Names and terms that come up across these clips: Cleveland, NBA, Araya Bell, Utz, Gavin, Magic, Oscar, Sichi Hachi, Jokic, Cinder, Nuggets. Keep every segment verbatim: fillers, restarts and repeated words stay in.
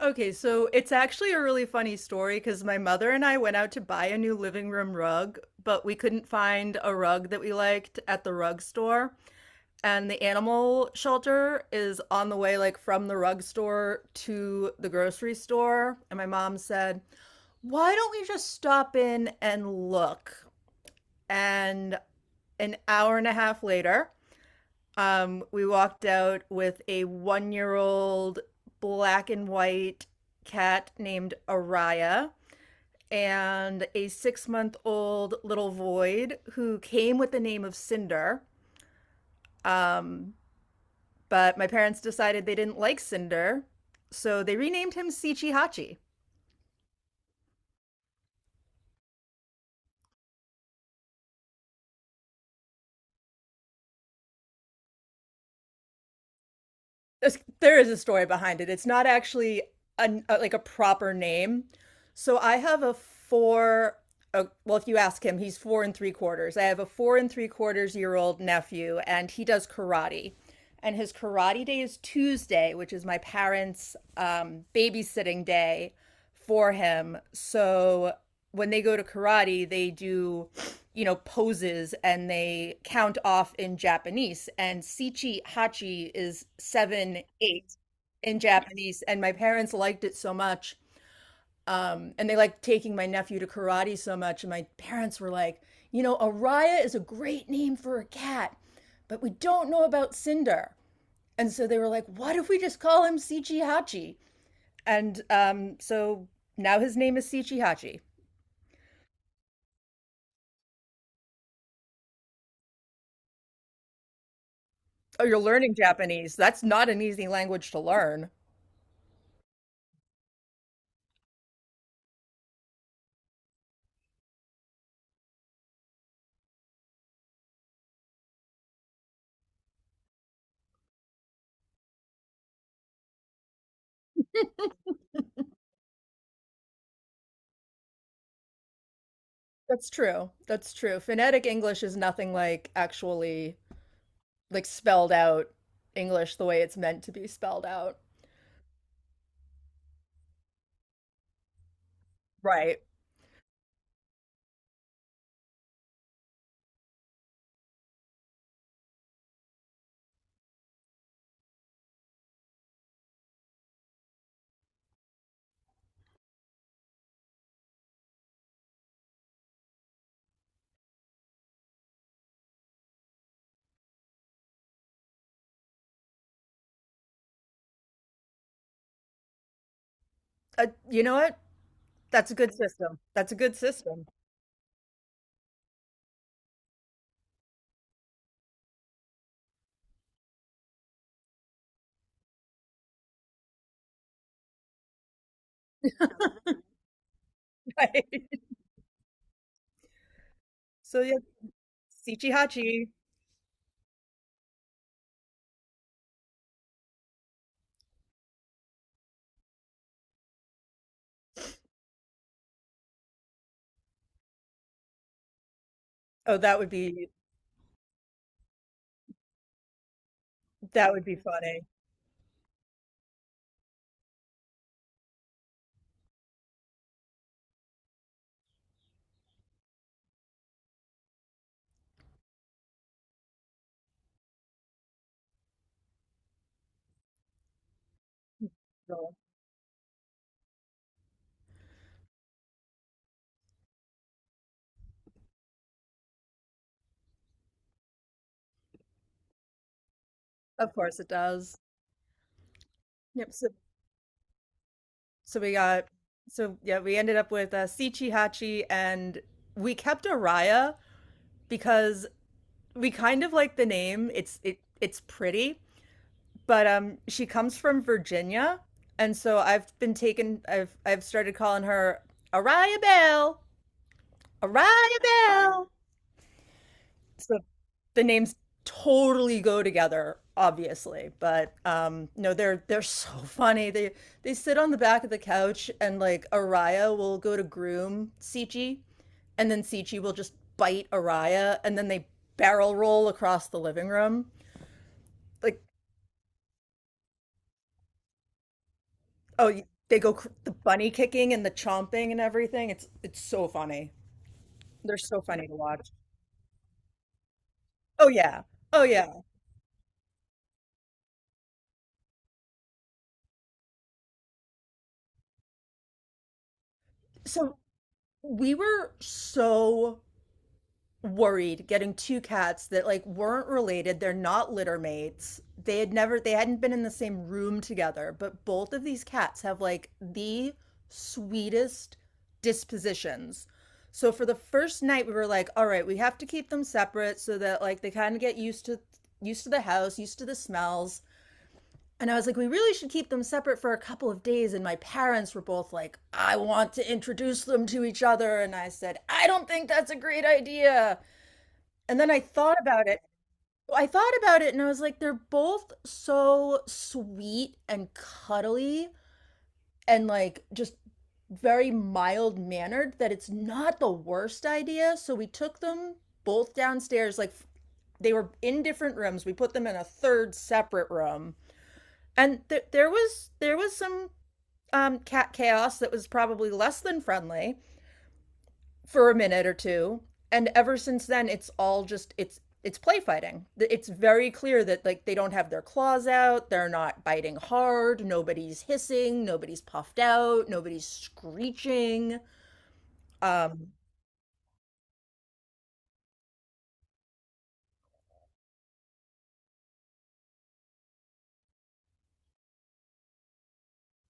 Okay, so it's actually a really funny story because my mother and I went out to buy a new living room rug, but we couldn't find a rug that we liked at the rug store. And the animal shelter is on the way, like from the rug store to the grocery store. And my mom said, why don't we just stop in and look? And an hour and a half later, um, we walked out with a one year old black and white cat named Araya and a six month old little void who came with the name of Cinder. Um, but my parents decided they didn't like Cinder, so they renamed him Sichi Hachi. There's- There is a story behind it. It's not actually an, uh, like a proper name. So I have a four, uh, well, if you ask him, he's four and three quarters. I have a four and three quarters year old nephew, and he does karate. And his karate day is Tuesday, which is my parents' um, babysitting day for him. So when they go to karate, they do, you know, poses and they count off in Japanese. And Sichi Hachi is seven, eight in Japanese. And my parents liked it so much. Um, and they liked taking my nephew to karate so much. And my parents were like, you know, Araya is a great name for a cat, but we don't know about Cinder. And so they were like, what if we just call him Sichi Hachi? And um, so now his name is Sichi Hachi. Oh, you're learning Japanese. That's not an easy language to learn. That's true. That's true. Phonetic English is nothing like actually like spelled out English the way it's meant to be spelled out. Right. Uh, you know what? That's a good system. That's a good system. Right. So yeah, Hachi. Oh, that would be that would be funny. Well, of course it does. Yep. So so we got so yeah, we ended up with uh, Hachi, and we kept Araya because we kind of like the name. It's it it's pretty, but um she comes from Virginia, and so I've been taken I've I've started calling her Araya Bell. Araya Bell. So the names totally go together, obviously. But um no, they're they're so funny. They they sit on the back of the couch and like Araya will go to groom Sichi and then Sichi will just bite Araya and then they barrel roll across the living room. Like oh, y- they go cr the bunny kicking and the chomping and everything. It's it's so funny. They're so funny to watch. Oh yeah. Oh yeah. So we were so worried getting two cats that like weren't related. They're not litter mates. They had never they hadn't been in the same room together, but both of these cats have like the sweetest dispositions. So for the first night we were like, all right, we have to keep them separate so that like they kind of get used to used to the house, used to the smells. And I was like, we really should keep them separate for a couple of days. And my parents were both like, I want to introduce them to each other. And I said, I don't think that's a great idea. And then I thought about it. Well, I thought about it and I was like, they're both so sweet and cuddly and like just very mild mannered that it's not the worst idea. So we took them both downstairs. Like they were in different rooms. We put them in a third separate room. And th- there was there was some um, cat chaos that was probably less than friendly for a minute or two, and ever since then it's all just it's it's play fighting. It's very clear that like they don't have their claws out, they're not biting hard, nobody's hissing, nobody's puffed out, nobody's screeching. um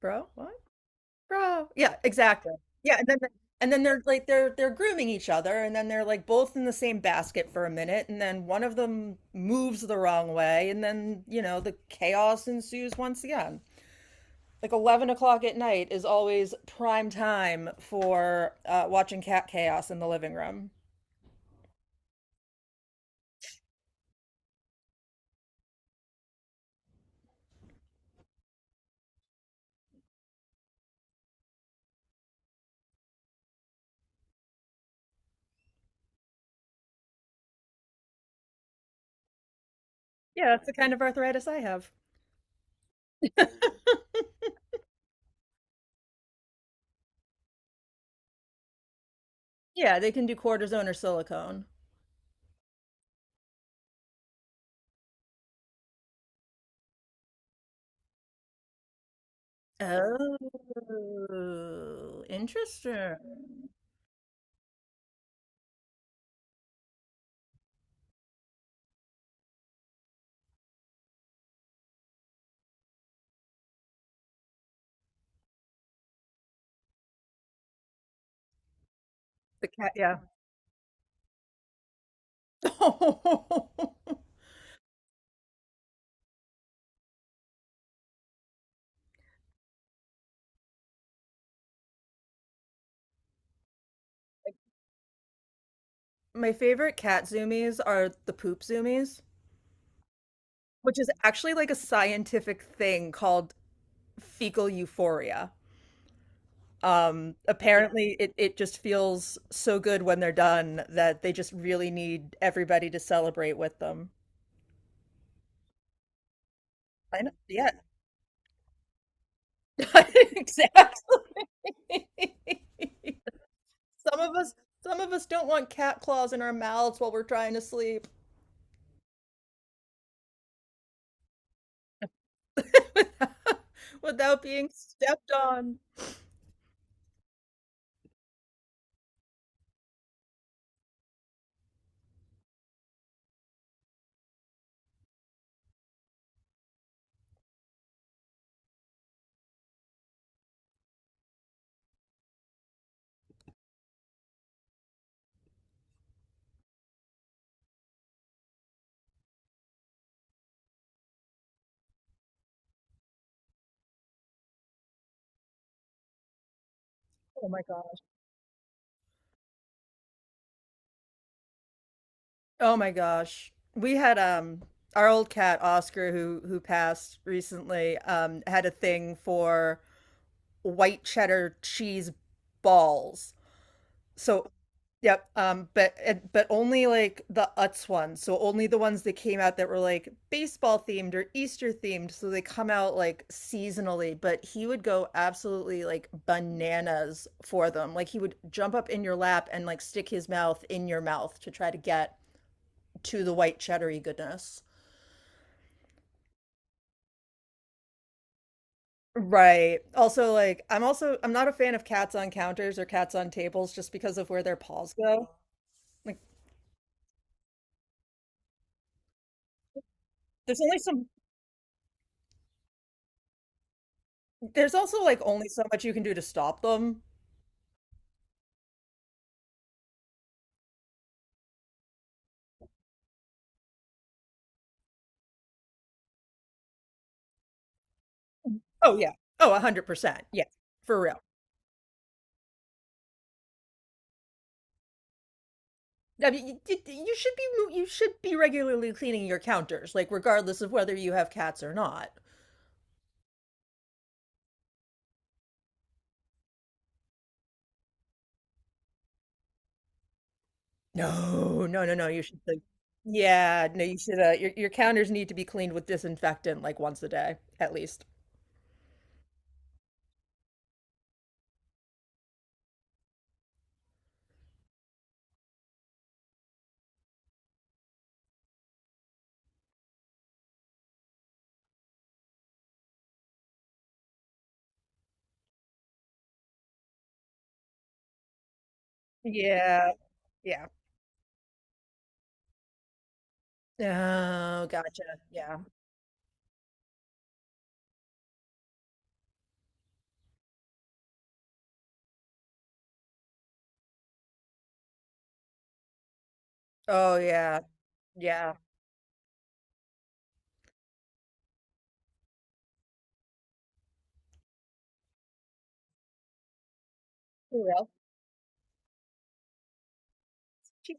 Bro what, bro, yeah, exactly, yeah. And then and then they're like they're they're grooming each other, and then they're like both in the same basket for a minute, and then one of them moves the wrong way, and then you know the chaos ensues once again. Like eleven o'clock at night is always prime time for uh, watching cat chaos in the living room. Yeah, that's the kind of arthritis I have. Yeah, they can do cortisone or silicone. Oh, interesting. The cat, yeah. My favorite cat zoomies are the poop zoomies, which is actually like a scientific thing called fecal euphoria. Um, apparently, it, it just feels so good when they're done that they just really need everybody to celebrate with them. I know, yeah, exactly. Some of us, some of us don't want cat claws in our mouths while we're trying to sleep without, without being stepped on. Oh my God. Oh my gosh. We had um our old cat Oscar who who passed recently um had a thing for white cheddar cheese balls. So yep, um but and- but only like the Utz ones. So only the ones that came out that were like baseball themed or Easter themed. So they come out like seasonally, but he would go absolutely like bananas for them. Like he would jump up in your lap and like stick his mouth in your mouth to try to get to the white cheddary goodness. Right. Also, like, I'm also I'm not a fan of cats on counters or cats on tables just because of where their paws go. Like, there's only some. There's also like only so much you can do to stop them. Oh yeah. Oh, one hundred percent. Yeah, for real. I mean, you, you you should be you should be regularly cleaning your counters, like regardless of whether you have cats or not. No, no, no, no. You should. Like, yeah, no, you should. Uh, your your counters need to be cleaned with disinfectant like once a day at least. Yeah, yeah. Oh, gotcha. Yeah. Oh, yeah. Yeah. For real. She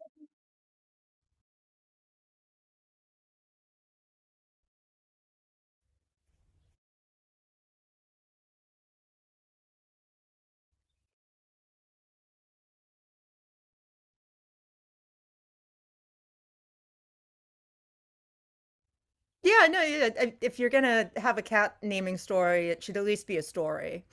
yeah, no, yeah, I if you're gonna have a cat naming story, it should at least be a story.